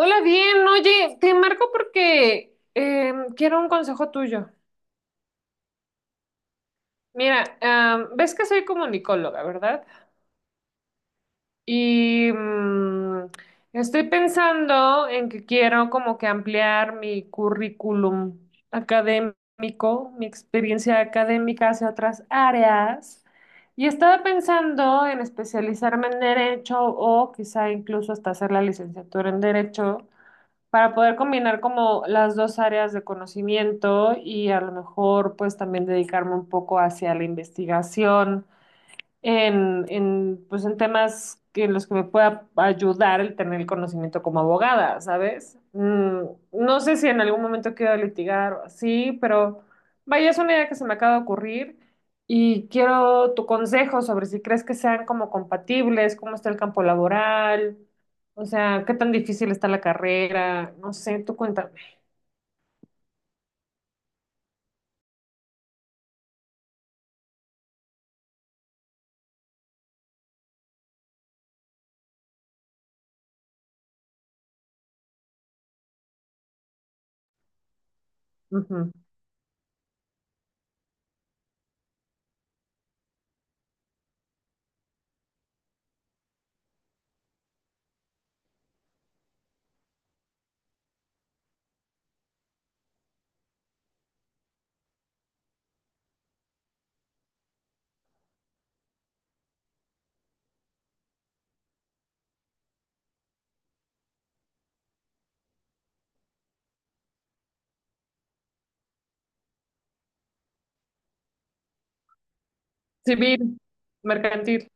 Hola, bien, oye, te marco porque quiero un consejo tuyo. Mira, ves que soy comunicóloga, ¿verdad? Y mm, Estoy pensando en que quiero como que ampliar mi currículum académico, mi experiencia académica hacia otras áreas. Y estaba pensando en especializarme en derecho o quizá incluso hasta hacer la licenciatura en derecho, para poder combinar como las dos áreas de conocimiento y a lo mejor pues también dedicarme un poco hacia la investigación pues en temas que en los que me pueda ayudar el tener el conocimiento como abogada, ¿sabes? No sé si en algún momento quiero litigar o así, pero vaya, es una idea que se me acaba de ocurrir y quiero tu consejo sobre si crees que sean como compatibles, cómo está el campo laboral, o sea, qué tan difícil está la carrera, no sé, tú cuéntame. Ujú. Civil, mercantil.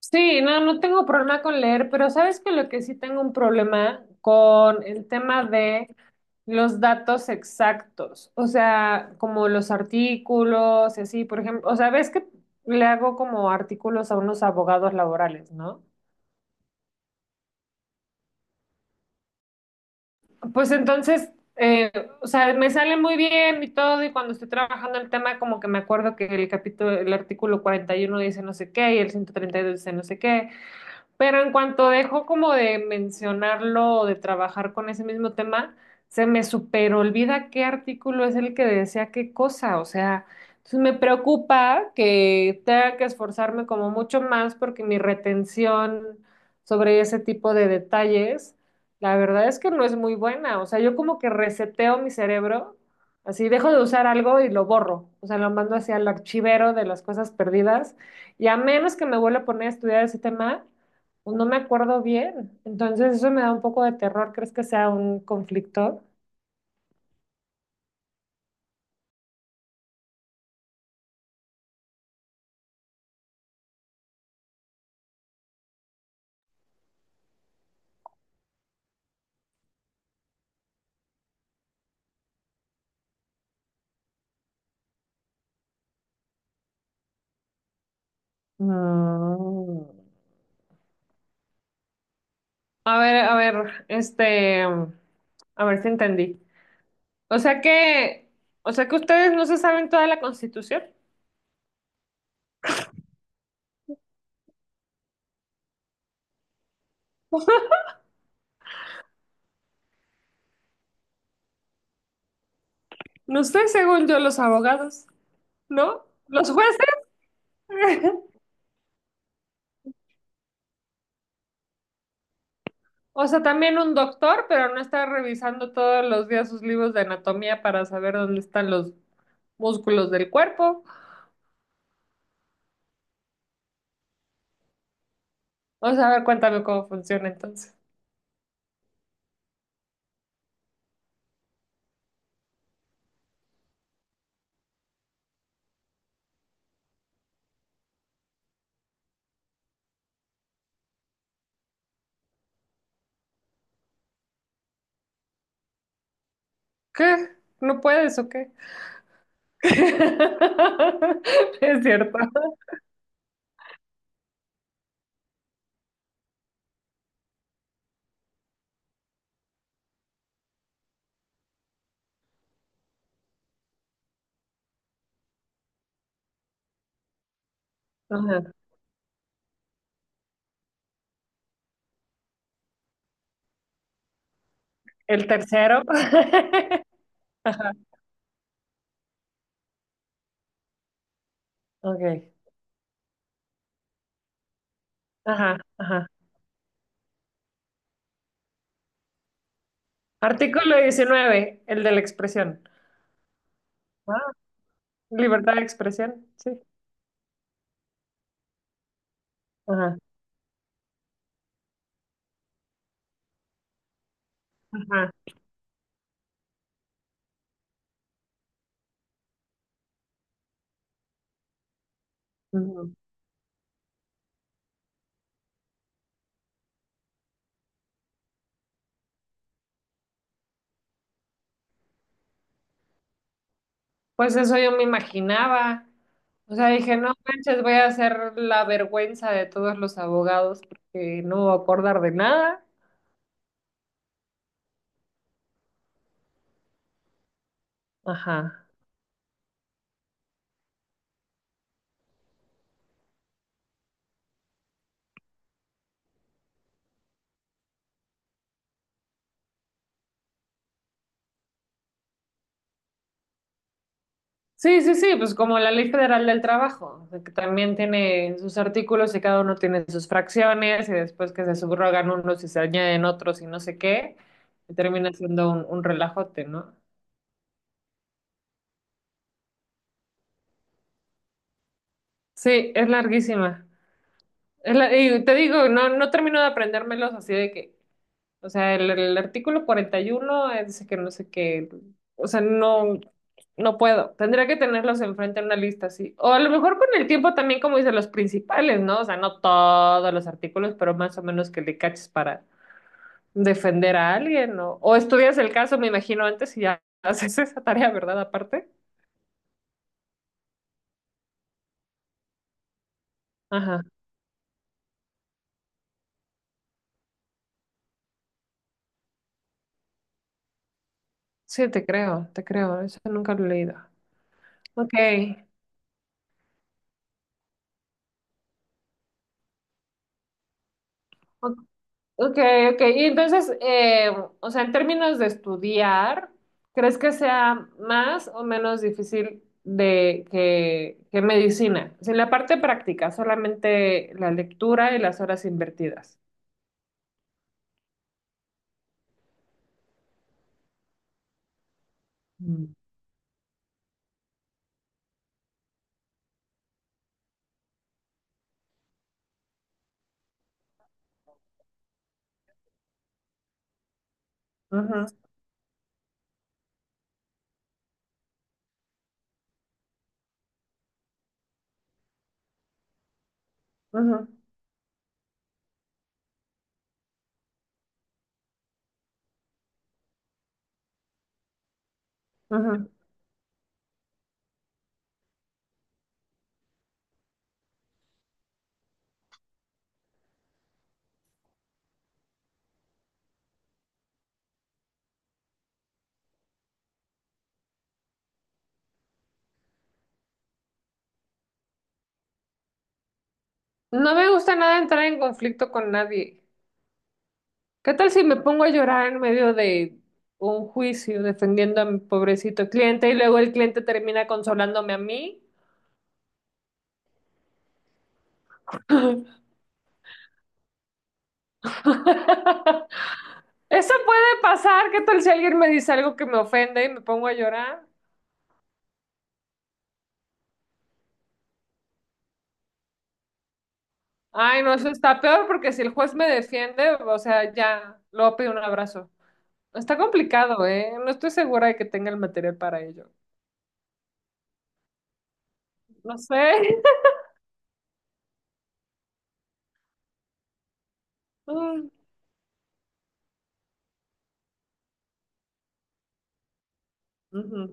Sí, no, no tengo problema con leer, pero sabes que lo que sí tengo un problema con el tema de los datos exactos, o sea, como los artículos y así, por ejemplo, o sea, ves que le hago como artículos a unos abogados laborales, ¿no? Pues entonces, eh, o sea, me sale muy bien y todo, y cuando estoy trabajando el tema, como que me acuerdo que el capítulo, el artículo 41 dice no sé qué y el 132 dice no sé qué. Pero en cuanto dejo como de mencionarlo o de trabajar con ese mismo tema, se me super olvida qué artículo es el que decía qué cosa. O sea, entonces me preocupa que tenga que esforzarme como mucho más porque mi retención sobre ese tipo de detalles, la verdad es que no es muy buena. O sea, yo como que reseteo mi cerebro, así dejo de usar algo y lo borro. O sea, lo mando hacia el archivero de las cosas perdidas. Y a menos que me vuelva a poner a estudiar ese tema pues, no me acuerdo bien, entonces eso me da un poco de terror. ¿Crees que sea un conflicto? Mm. A ver, este, a ver si entendí. O sea que, o sea que ustedes no se saben toda la Constitución. No sé, según yo, los abogados, ¿no? Los jueces, o sea, también un doctor, pero no está revisando todos los días sus libros de anatomía para saber dónde están los músculos del cuerpo. O sea, a ver, cuéntame cómo funciona entonces. ¿Qué? ¿No puedes o qué? Es cierto. Ajá. El tercero. Ajá. Ok. Ajá, ajá. Artículo 19, el de la expresión. Ah, libertad de expresión, sí. Ajá, ajá. Ujú. Pues eso yo me imaginaba. O sea, dije, no manches, voy a hacer la vergüenza de todos los abogados porque no me voy a acordar de nada. Ajá. Sí, sí, sí, pues como la Ley Federal del Trabajo, o sea, que también tiene sus artículos y cada uno tiene sus fracciones y después que se subrogan unos y se añaden otros y no sé qué, y termina siendo un relajote, ¿no? Sí, es larguísima. Es la- y te digo, no, no termino de aprendérmelos así de que, o sea, el artículo 41 dice que no sé qué, o sea, no, no puedo. Tendría que tenerlos enfrente en una lista así. O a lo mejor con el tiempo también, como dice, los principales, ¿no? O sea, no todos los artículos, pero más o menos que le caches para defender a alguien, ¿no? O estudias el caso, me imagino, antes y ya haces esa tarea, ¿verdad? Aparte. Ajá. Sí, te creo, te creo. Eso nunca lo he leído. Ok. Okay, okay. Y entonces, o sea, en términos de estudiar, ¿crees que sea más o menos difícil de que medicina? Sin la parte práctica, solamente la lectura y las horas invertidas. Mm. Ujú, ujú, ujú. No me gusta nada entrar en conflicto con nadie. ¿Qué tal si me pongo a llorar en medio de un juicio defendiendo a mi pobrecito cliente y luego el cliente termina consolándome a mí? Eso puede pasar. ¿Qué tal si alguien me dice algo que me ofende y me pongo a llorar? Ay, no, eso está peor porque si el juez me defiende, o sea, ya, luego pido un abrazo. Está complicado, ¿eh? No estoy segura de que tenga el material para ello. No sé. Mm, ujú,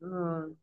mm,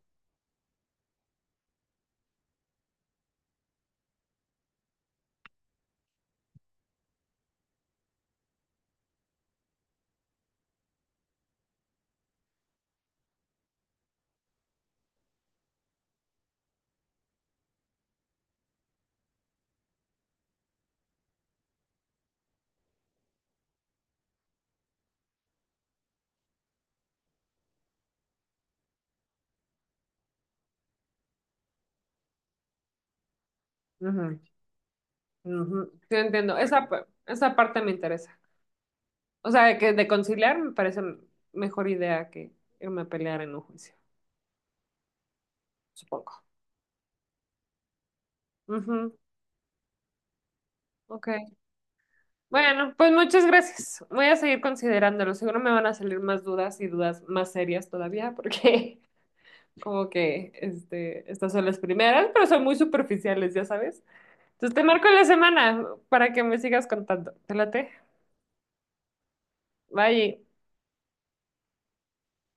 ujú, ujú. Sí, entiendo. Esa, pa- esa parte me interesa. O sea, que de conciliar me parece mejor idea que irme a pelear en un juicio, supongo. Ujú. Ok. Bueno, pues muchas gracias. Voy a seguir considerándolo. Seguro me van a salir más dudas y dudas más serias todavía, porque como que este, estas son las primeras, pero son muy superficiales, ya sabes. Entonces te marco en la semana para que me sigas contando. ¿Te late? Bye.